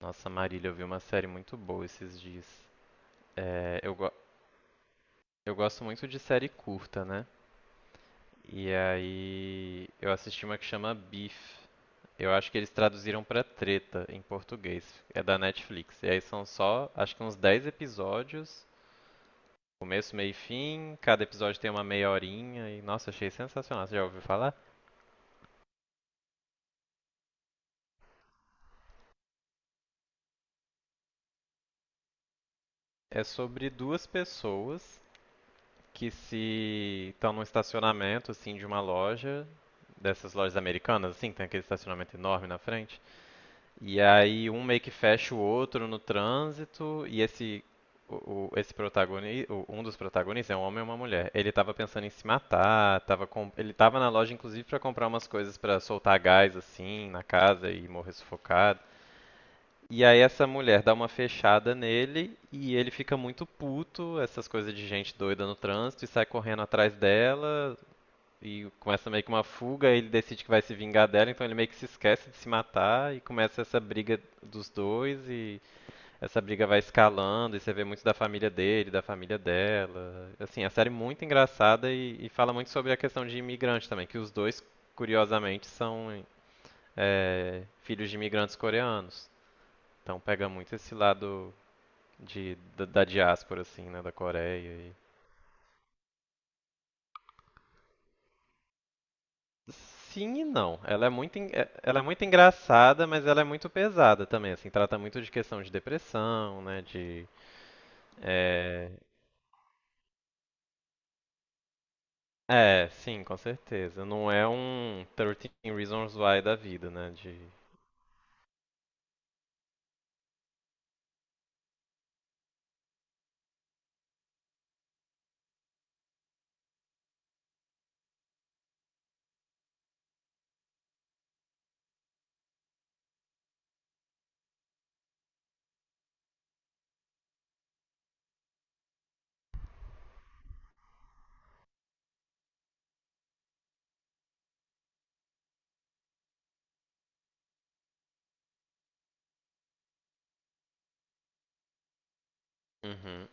Nossa, Marília, eu vi uma série muito boa esses dias. É, eu gosto muito de série curta, né? E aí eu assisti uma que chama Beef. Eu acho que eles traduziram pra Treta em português. É da Netflix. E aí são só, acho que uns 10 episódios, começo, meio e fim. Cada episódio tem uma meia horinha. E nossa, achei sensacional. Você já ouviu falar? É sobre duas pessoas que se estão num estacionamento assim de uma loja dessas lojas americanas, assim, que tem aquele estacionamento enorme na frente. E aí um meio que fecha o outro no trânsito, e esse esse protagonista, um dos protagonistas é um homem e uma mulher. Ele tava pensando em se matar, tava com, ele tava na loja inclusive para comprar umas coisas para soltar gás assim na casa e morrer sufocado. E aí essa mulher dá uma fechada nele e ele fica muito puto, essas coisas de gente doida no trânsito e sai correndo atrás dela, e começa meio que uma fuga, ele decide que vai se vingar dela, então ele meio que se esquece de se matar e começa essa briga dos dois e essa briga vai escalando e você vê muito da família dele, da família dela. Assim, a série é muito engraçada e fala muito sobre a questão de imigrante também, que os dois, curiosamente, são filhos de imigrantes coreanos. Então pega muito esse lado da diáspora, assim, né, da Coreia. E sim e não. Ela é muito, ela é muito engraçada, mas ela é muito pesada também, assim, trata muito de questão de depressão, né, de... É, é, sim, com certeza. Não é um thirteen Reasons Why da vida, né, de... Uhum,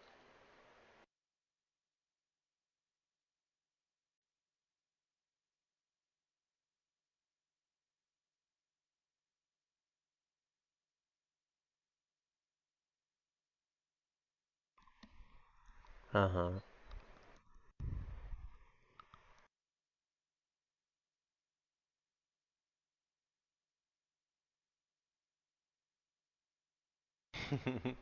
aham.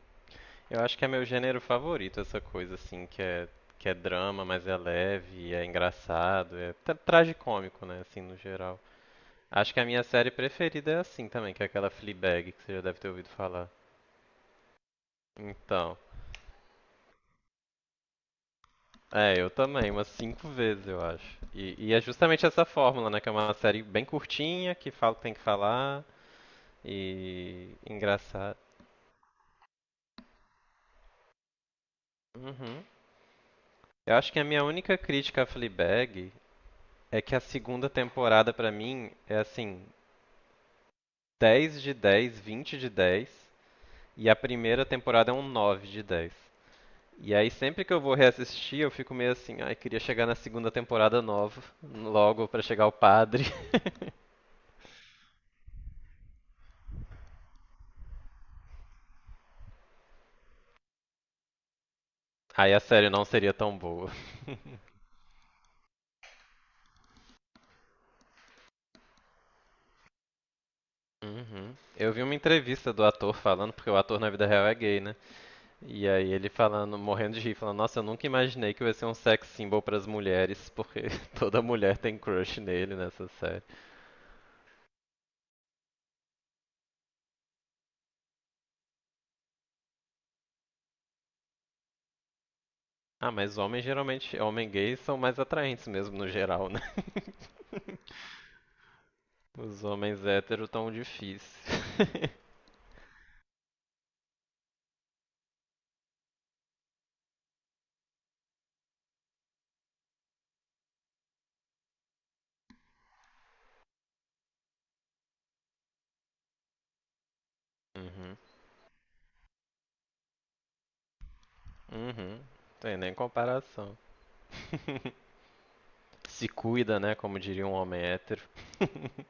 Eu acho que é meu gênero favorito, essa coisa, assim, que é drama, mas é leve, é engraçado, é tragicômico, né, assim, no geral. Acho que a minha série preferida é assim também, que é aquela Fleabag, que você já deve ter ouvido falar. Então, é, eu também, umas 5 vezes, eu acho. E é justamente essa fórmula, né? Que é uma série bem curtinha, que fala o que tem que falar e engraçada. Uhum. Eu acho que a minha única crítica a Fleabag é que a segunda temporada, pra mim, é assim, 10 de 10, 20 de 10, e a primeira temporada é um 9 de 10. E aí sempre que eu vou reassistir, eu fico meio assim, ai, queria chegar na segunda temporada nova, logo pra chegar o padre. Aí a série não seria tão boa. Uhum. Eu vi uma entrevista do ator falando, porque o ator na vida real é gay, né? E aí ele falando, morrendo de rir, falando, nossa, eu nunca imaginei que eu ia ser um sex symbol pras mulheres, porque toda mulher tem crush nele nessa série. Ah, mas homens geralmente, homens gays são mais atraentes mesmo no geral, né? Os homens héteros tão difíceis. Uhum. Uhum. Tem nem comparação. Se cuida, né? Como diria um homem hétero.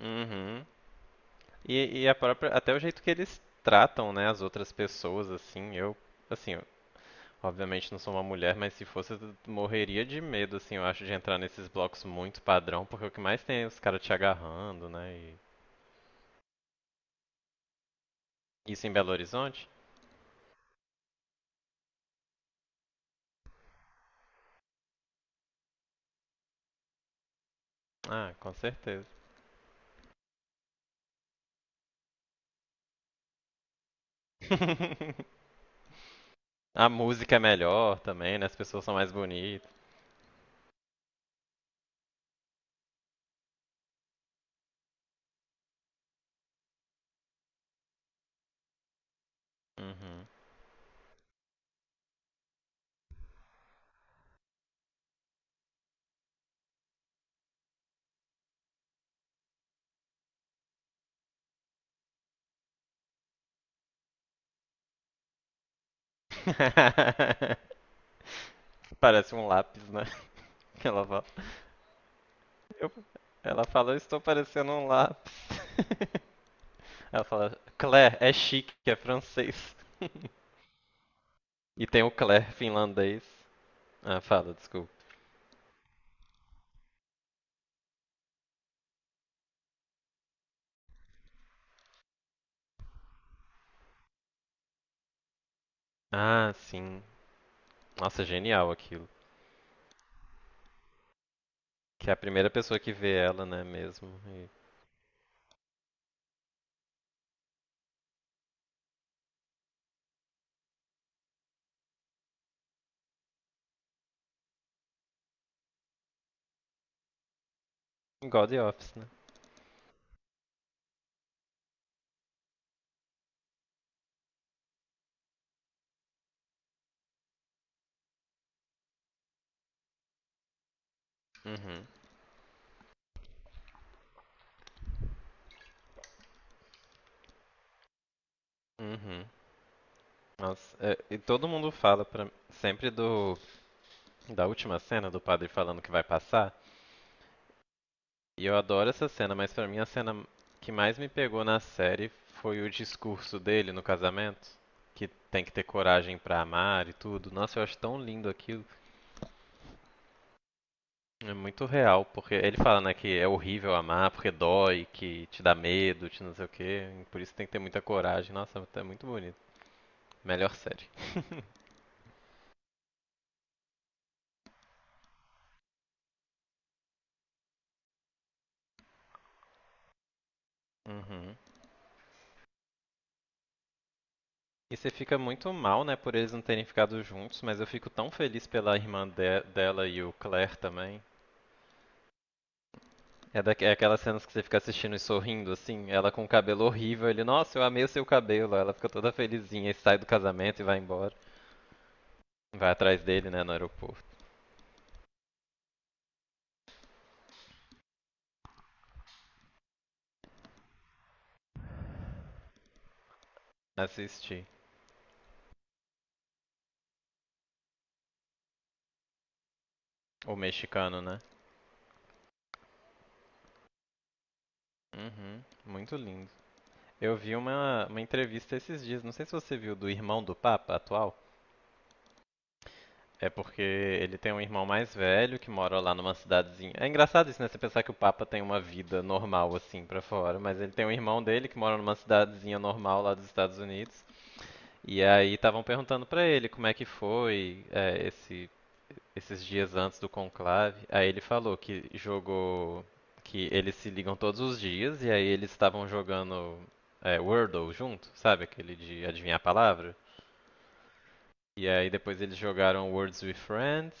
Uhum. E a própria, até o jeito que eles tratam, né, as outras pessoas, assim, eu, obviamente não sou uma mulher, mas se fosse, eu morreria de medo, assim, eu acho, de entrar nesses blocos muito padrão, porque o que mais tem é os caras te agarrando, né, e isso em Belo Horizonte? Ah, com certeza. A música é melhor também, né, as pessoas são mais bonitas. Uhum. Parece um lápis, né? que eu, ela fala, eu estou parecendo um lápis. Ela fala, Claire, é chique, é francês. E tem o Claire finlandês. Ah, fala, desculpa. Ah, sim. Nossa, genial aquilo. Que é a primeira pessoa que vê ela, né, mesmo. E... Igual The Office, né? Uhum, uhum. Nossa, é, e todo mundo fala pra, sempre do da última cena do padre falando que vai passar. E eu adoro essa cena, mas pra mim a cena que mais me pegou na série foi o discurso dele no casamento, que tem que ter coragem pra amar e tudo. Nossa, eu acho tão lindo aquilo. É muito real, porque ele fala, né, que é horrível amar, porque dói, que te dá medo, te não sei o quê. Por isso tem que ter muita coragem. Nossa, é muito bonito. Melhor série. Uhum. E você fica muito mal, né, por eles não terem ficado juntos, mas eu fico tão feliz pela irmã dela e o Claire também. É aquelas cenas que você fica assistindo e sorrindo, assim, ela com o cabelo horrível, ele, nossa, eu amei o seu cabelo, ela fica toda felizinha e sai do casamento e vai embora. Vai atrás dele, né, no aeroporto. Assisti. O mexicano, né? Uhum, muito lindo. Eu vi uma entrevista esses dias, não sei se você viu, do irmão do Papa atual. É porque ele tem um irmão mais velho que mora lá numa cidadezinha. É engraçado isso, né? Você pensar que o Papa tem uma vida normal assim pra fora, mas ele tem um irmão dele que mora numa cidadezinha normal lá dos Estados Unidos. E aí estavam perguntando pra ele como é que foi esses dias antes do conclave. Aí ele falou que jogou, que eles se ligam todos os dias e aí eles estavam jogando Wordle junto, sabe aquele de adivinhar a palavra? E aí depois eles jogaram Words with Friends.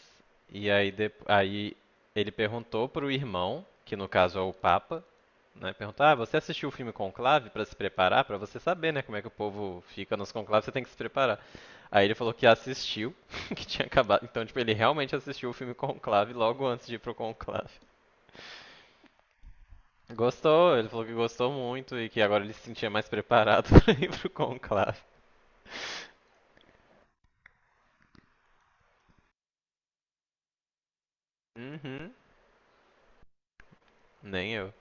E aí, ele perguntou pro irmão, que no caso é o Papa, né? Perguntou, ah, você assistiu o filme Conclave pra se preparar? Pra você saber, né, como é que o povo fica nos conclaves, você tem que se preparar. Aí ele falou que assistiu, que tinha acabado. Então, tipo, ele realmente assistiu o filme Conclave logo antes de ir pro Conclave. Gostou, ele falou que gostou muito e que agora ele se sentia mais preparado pra ir pro Conclave. Uhum, nem eu.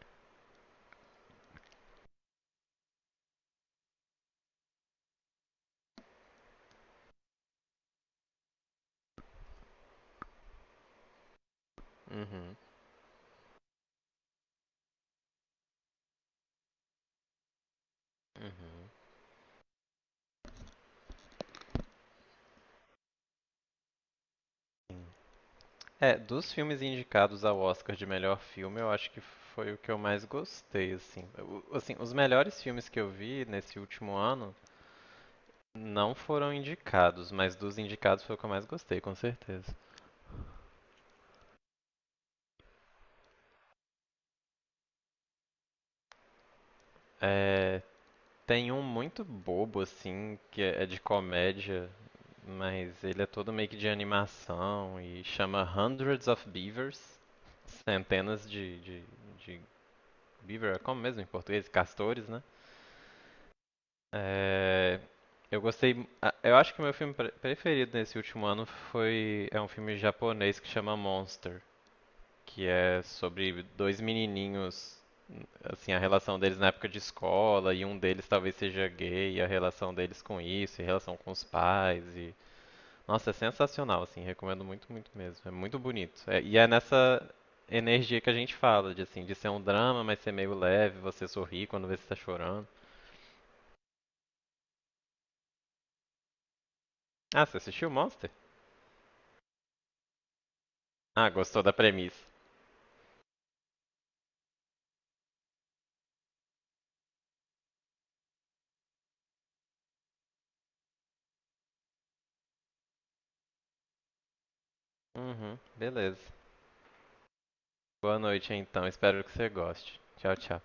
Uhum, uhum. Sim. É, dos filmes indicados ao Oscar de melhor filme, eu acho que foi o que eu mais gostei, assim. Assim, os melhores filmes que eu vi nesse último ano não foram indicados, mas dos indicados foi o que eu mais gostei, com certeza. É, tem um muito bobo, assim, que é de comédia, mas ele é todo meio que de animação e chama Hundreds of Beavers, centenas de beaver, é como mesmo em português? Castores, né? É, eu gostei. Eu acho que o meu filme preferido nesse último ano foi. É um filme japonês que chama Monster, que é sobre dois menininhos, assim, a relação deles na época de escola, e um deles talvez seja gay, e a relação deles com isso, e a relação com os pais. E... Nossa, é sensacional, assim, recomendo muito, muito mesmo. É muito bonito. E é nessa energia que a gente fala, de assim, de ser um drama, mas ser meio leve, você sorrir quando vê se tá chorando. Ah, você assistiu Monster? Ah, gostou da premissa. Uhum, beleza. Boa noite então, espero que você goste. Tchau, tchau.